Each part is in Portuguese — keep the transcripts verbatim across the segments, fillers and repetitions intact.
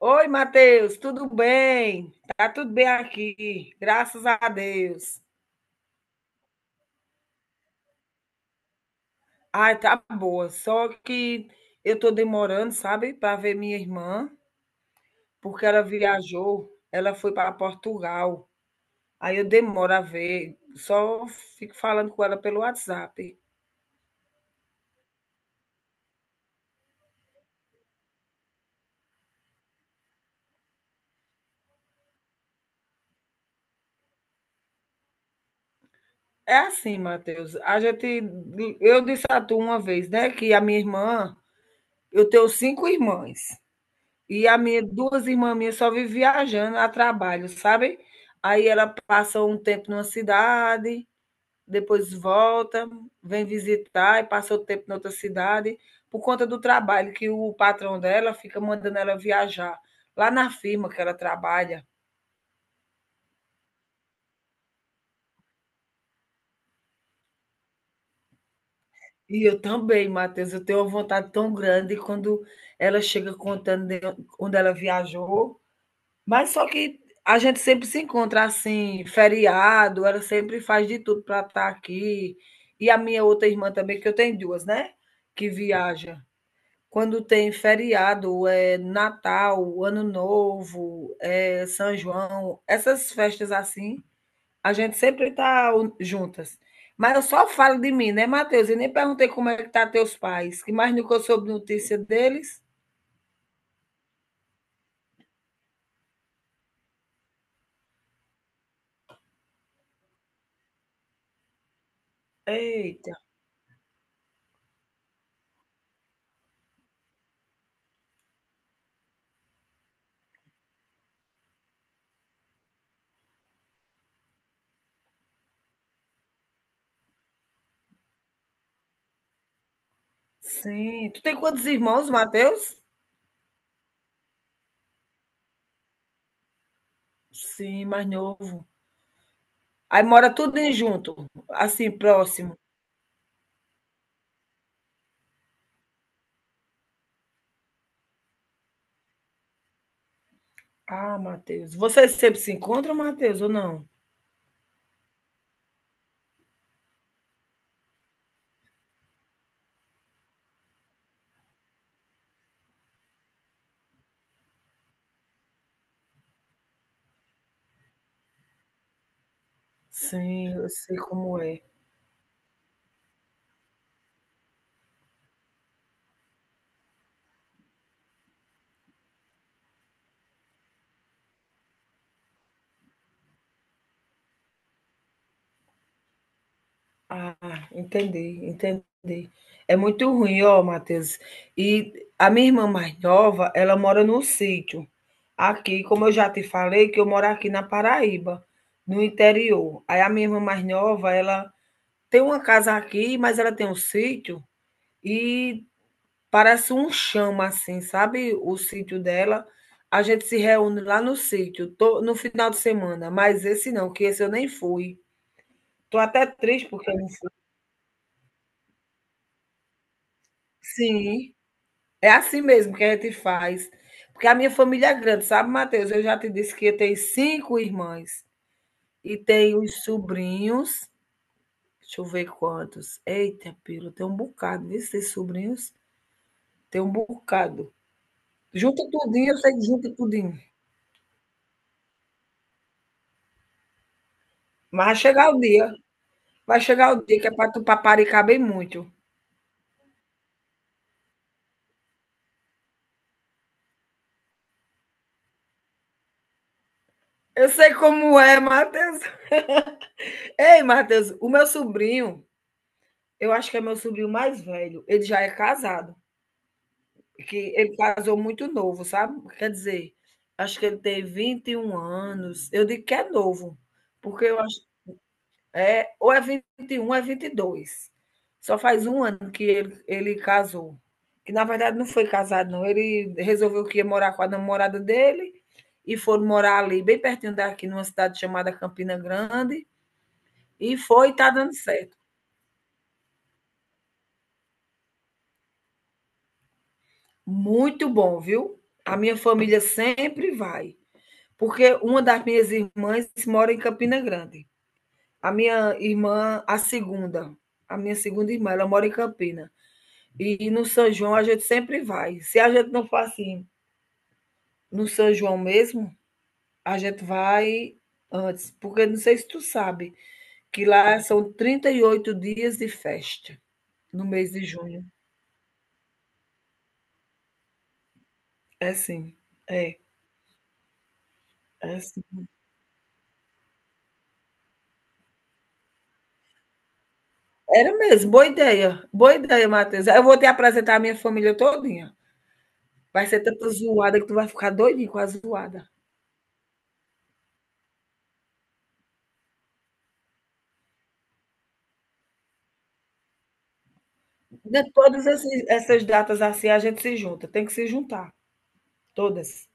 Oi, Matheus, tudo bem? Tá tudo bem aqui, graças a Deus. Ai, tá boa, só que eu tô demorando, sabe, para ver minha irmã, porque ela viajou, ela foi para Portugal. Aí eu demoro a ver, só fico falando com ela pelo WhatsApp. É assim, Matheus, a gente, eu disse a tu uma vez, né, que a minha irmã, eu tenho cinco irmãs. E a minha, duas irmãs minhas só vivem viajando a trabalho, sabe? Aí ela passa um tempo numa cidade, depois volta, vem visitar e passa outro tempo em outra cidade, por conta do trabalho, que o patrão dela fica mandando ela viajar lá na firma que ela trabalha. E eu também, Matheus, eu tenho uma vontade tão grande quando ela chega contando de onde ela viajou. Mas só que a gente sempre se encontra assim, feriado, ela sempre faz de tudo para estar aqui. E a minha outra irmã também, que eu tenho duas, né? Que viaja. Quando tem feriado, é Natal, Ano Novo, é São João, essas festas assim, a gente sempre tá u- juntas. Mas eu só falo de mim, né, Matheus? E nem perguntei como é que tá teus pais, que mais nunca eu soube notícia deles. Eita, sim. Tu tem quantos irmãos, Matheus? Sim, mais novo. Aí mora tudo em junto, assim, próximo. Ah, Matheus. Vocês sempre se encontram, Matheus, ou não? Sim, eu sei como é. Ah, entendi, entendi. É muito ruim, ó, Matheus. E a minha irmã mais nova, ela mora no sítio. Aqui, como eu já te falei, que eu moro aqui na Paraíba, no interior. Aí a minha irmã mais nova, ela tem uma casa aqui, mas ela tem um sítio e parece um chama, assim, sabe, o sítio dela. A gente se reúne lá no sítio, to no final de semana, mas esse não, que esse eu nem fui. Tô até triste porque eu não fui. Sim, é assim mesmo que a gente faz. Porque a minha família é grande, sabe, Matheus? Eu já te disse que eu tenho cinco irmãs e tenho os sobrinhos. Deixa eu ver quantos. Eita, pila, tem um bocado, viu, esses sobrinhos? Tem um bocado. Junta tudinho, eu sei que junta tudinho, mas vai chegar o dia. Vai chegar o dia que é para tu paparicar bem muito. Eu sei como é, Matheus. Ei, Matheus, o meu sobrinho, eu acho que é meu sobrinho mais velho, ele já é casado. Que ele casou muito novo, sabe? Quer dizer, acho que ele tem vinte e um anos. Eu digo que é novo, porque eu acho. É, ou é vinte e um, ou é vinte e dois. Só faz um ano que ele, ele casou. Que na verdade não foi casado, não. Ele resolveu que ia morar com a namorada dele e foram morar ali, bem pertinho daqui, numa cidade chamada Campina Grande. E foi e tá dando certo. Muito bom, viu? A minha família sempre vai. Porque uma das minhas irmãs mora em Campina Grande. A minha irmã, a segunda, a minha segunda irmã, ela mora em Campina. E no São João a gente sempre vai. Se a gente não for assim, no São João mesmo, a gente vai antes, porque não sei se tu sabe, que lá são trinta e oito dias de festa no mês de junho. É sim, é, é sim. Era mesmo, boa ideia. Boa ideia, Matheus. Eu vou te apresentar a minha família todinha. Vai ser tanta zoada que tu vai ficar doidinho com a zoada. De todas esses- essas datas assim, a gente se junta. Tem que se juntar. Todas.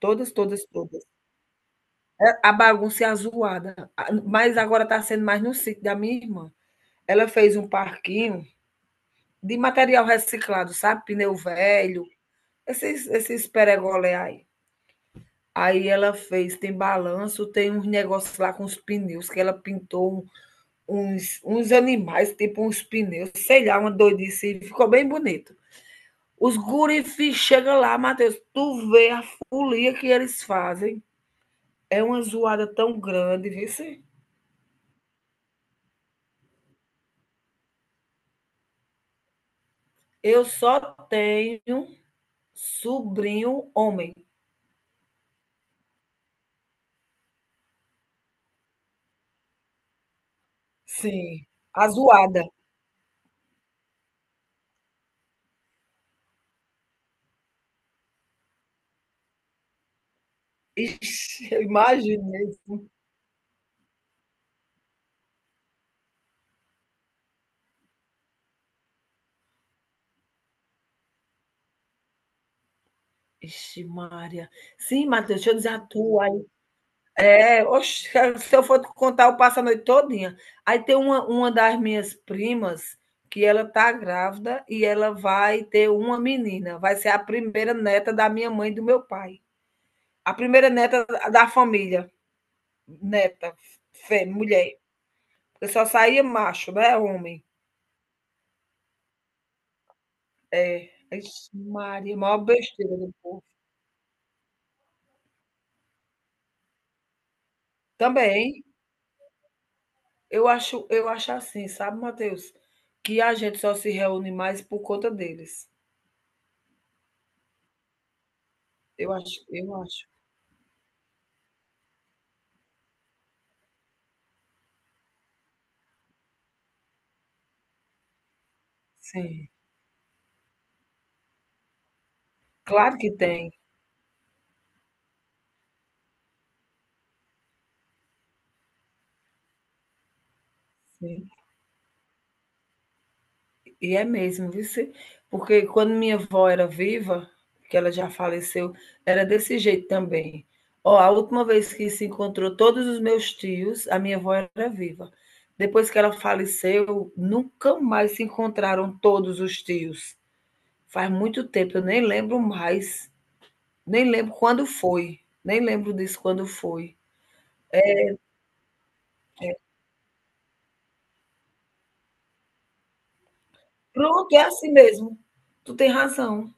Todas, todas, todas. A bagunça é a. Mas agora está sendo mais no sítio da minha irmã. Ela fez um parquinho de material reciclado, sabe? Pneu velho, esses, esses peregolé aí. Aí ela fez, tem balanço, tem uns negócios lá com os pneus, que ela pintou um, uns, uns animais, tipo uns pneus, sei lá, uma doidice, ficou bem bonito. Os gurifi chegam lá, Matheus, tu vê a folia que eles fazem. É uma zoada tão grande, viu? Sim? Eu só tenho sobrinho homem. Sim, a zoada. Ixi, eu imaginei. Ixi Maria. Sim, Matheus, deixa eu dizer a tua aí. É, oxe, se eu for te contar, eu passo a noite todinha. Aí tem uma uma das minhas primas que ela tá grávida e ela vai ter uma menina, vai ser a primeira neta da minha mãe e do meu pai. A primeira neta da família, neta, fé mulher, porque só saía macho, né, homem. Ixi Maria, maior besteira do povo. Também, eu acho eu acho assim, sabe, Matheus, que a gente só se reúne mais por conta deles. Eu acho eu acho. Sim, claro que tem, sim. E é mesmo, viu se porque quando minha avó era viva, que ela já faleceu, era desse jeito também. Ó, a última vez que se encontrou todos os meus tios, a minha avó era viva. Depois que ela faleceu, nunca mais se encontraram todos os tios. Faz muito tempo, eu nem lembro mais, nem lembro quando foi, nem lembro disso quando foi. Pronto, é assim mesmo. Tu tem razão,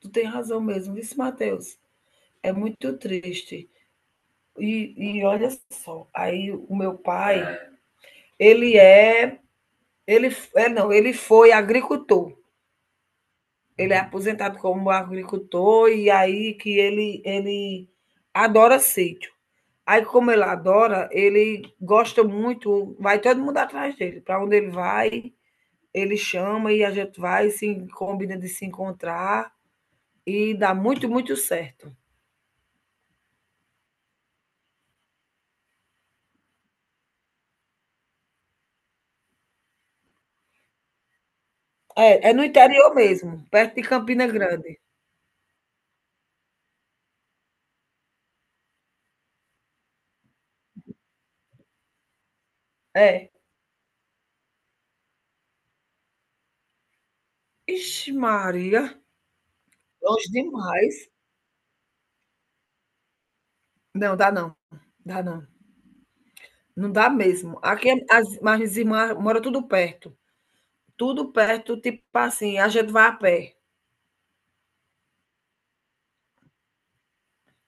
tu tem razão mesmo, vixe Mateus, é muito triste. E e olha só, aí o meu pai, ele é ele f é não, ele foi agricultor, ele é aposentado como agricultor e aí que ele ele adora sítio. Aí, como ele adora, ele gosta muito, vai todo mundo atrás dele. Para onde ele vai, ele chama e a gente vai, se combina de se encontrar e dá muito, muito certo. É, é no interior mesmo, perto de Campina Grande. É. Ixi, Maria, longe demais. Não, dá não. Dá não. Não dá mesmo. Aqui as minhas irmãs moram tudo perto. Tudo perto, tipo assim, a gente vai a pé.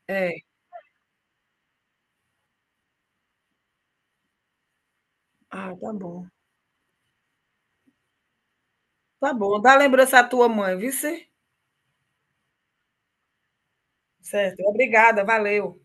É. Ah, tá bom. Tá bom, dá lembrança à tua mãe, viu? Cê? Certo, obrigada, valeu.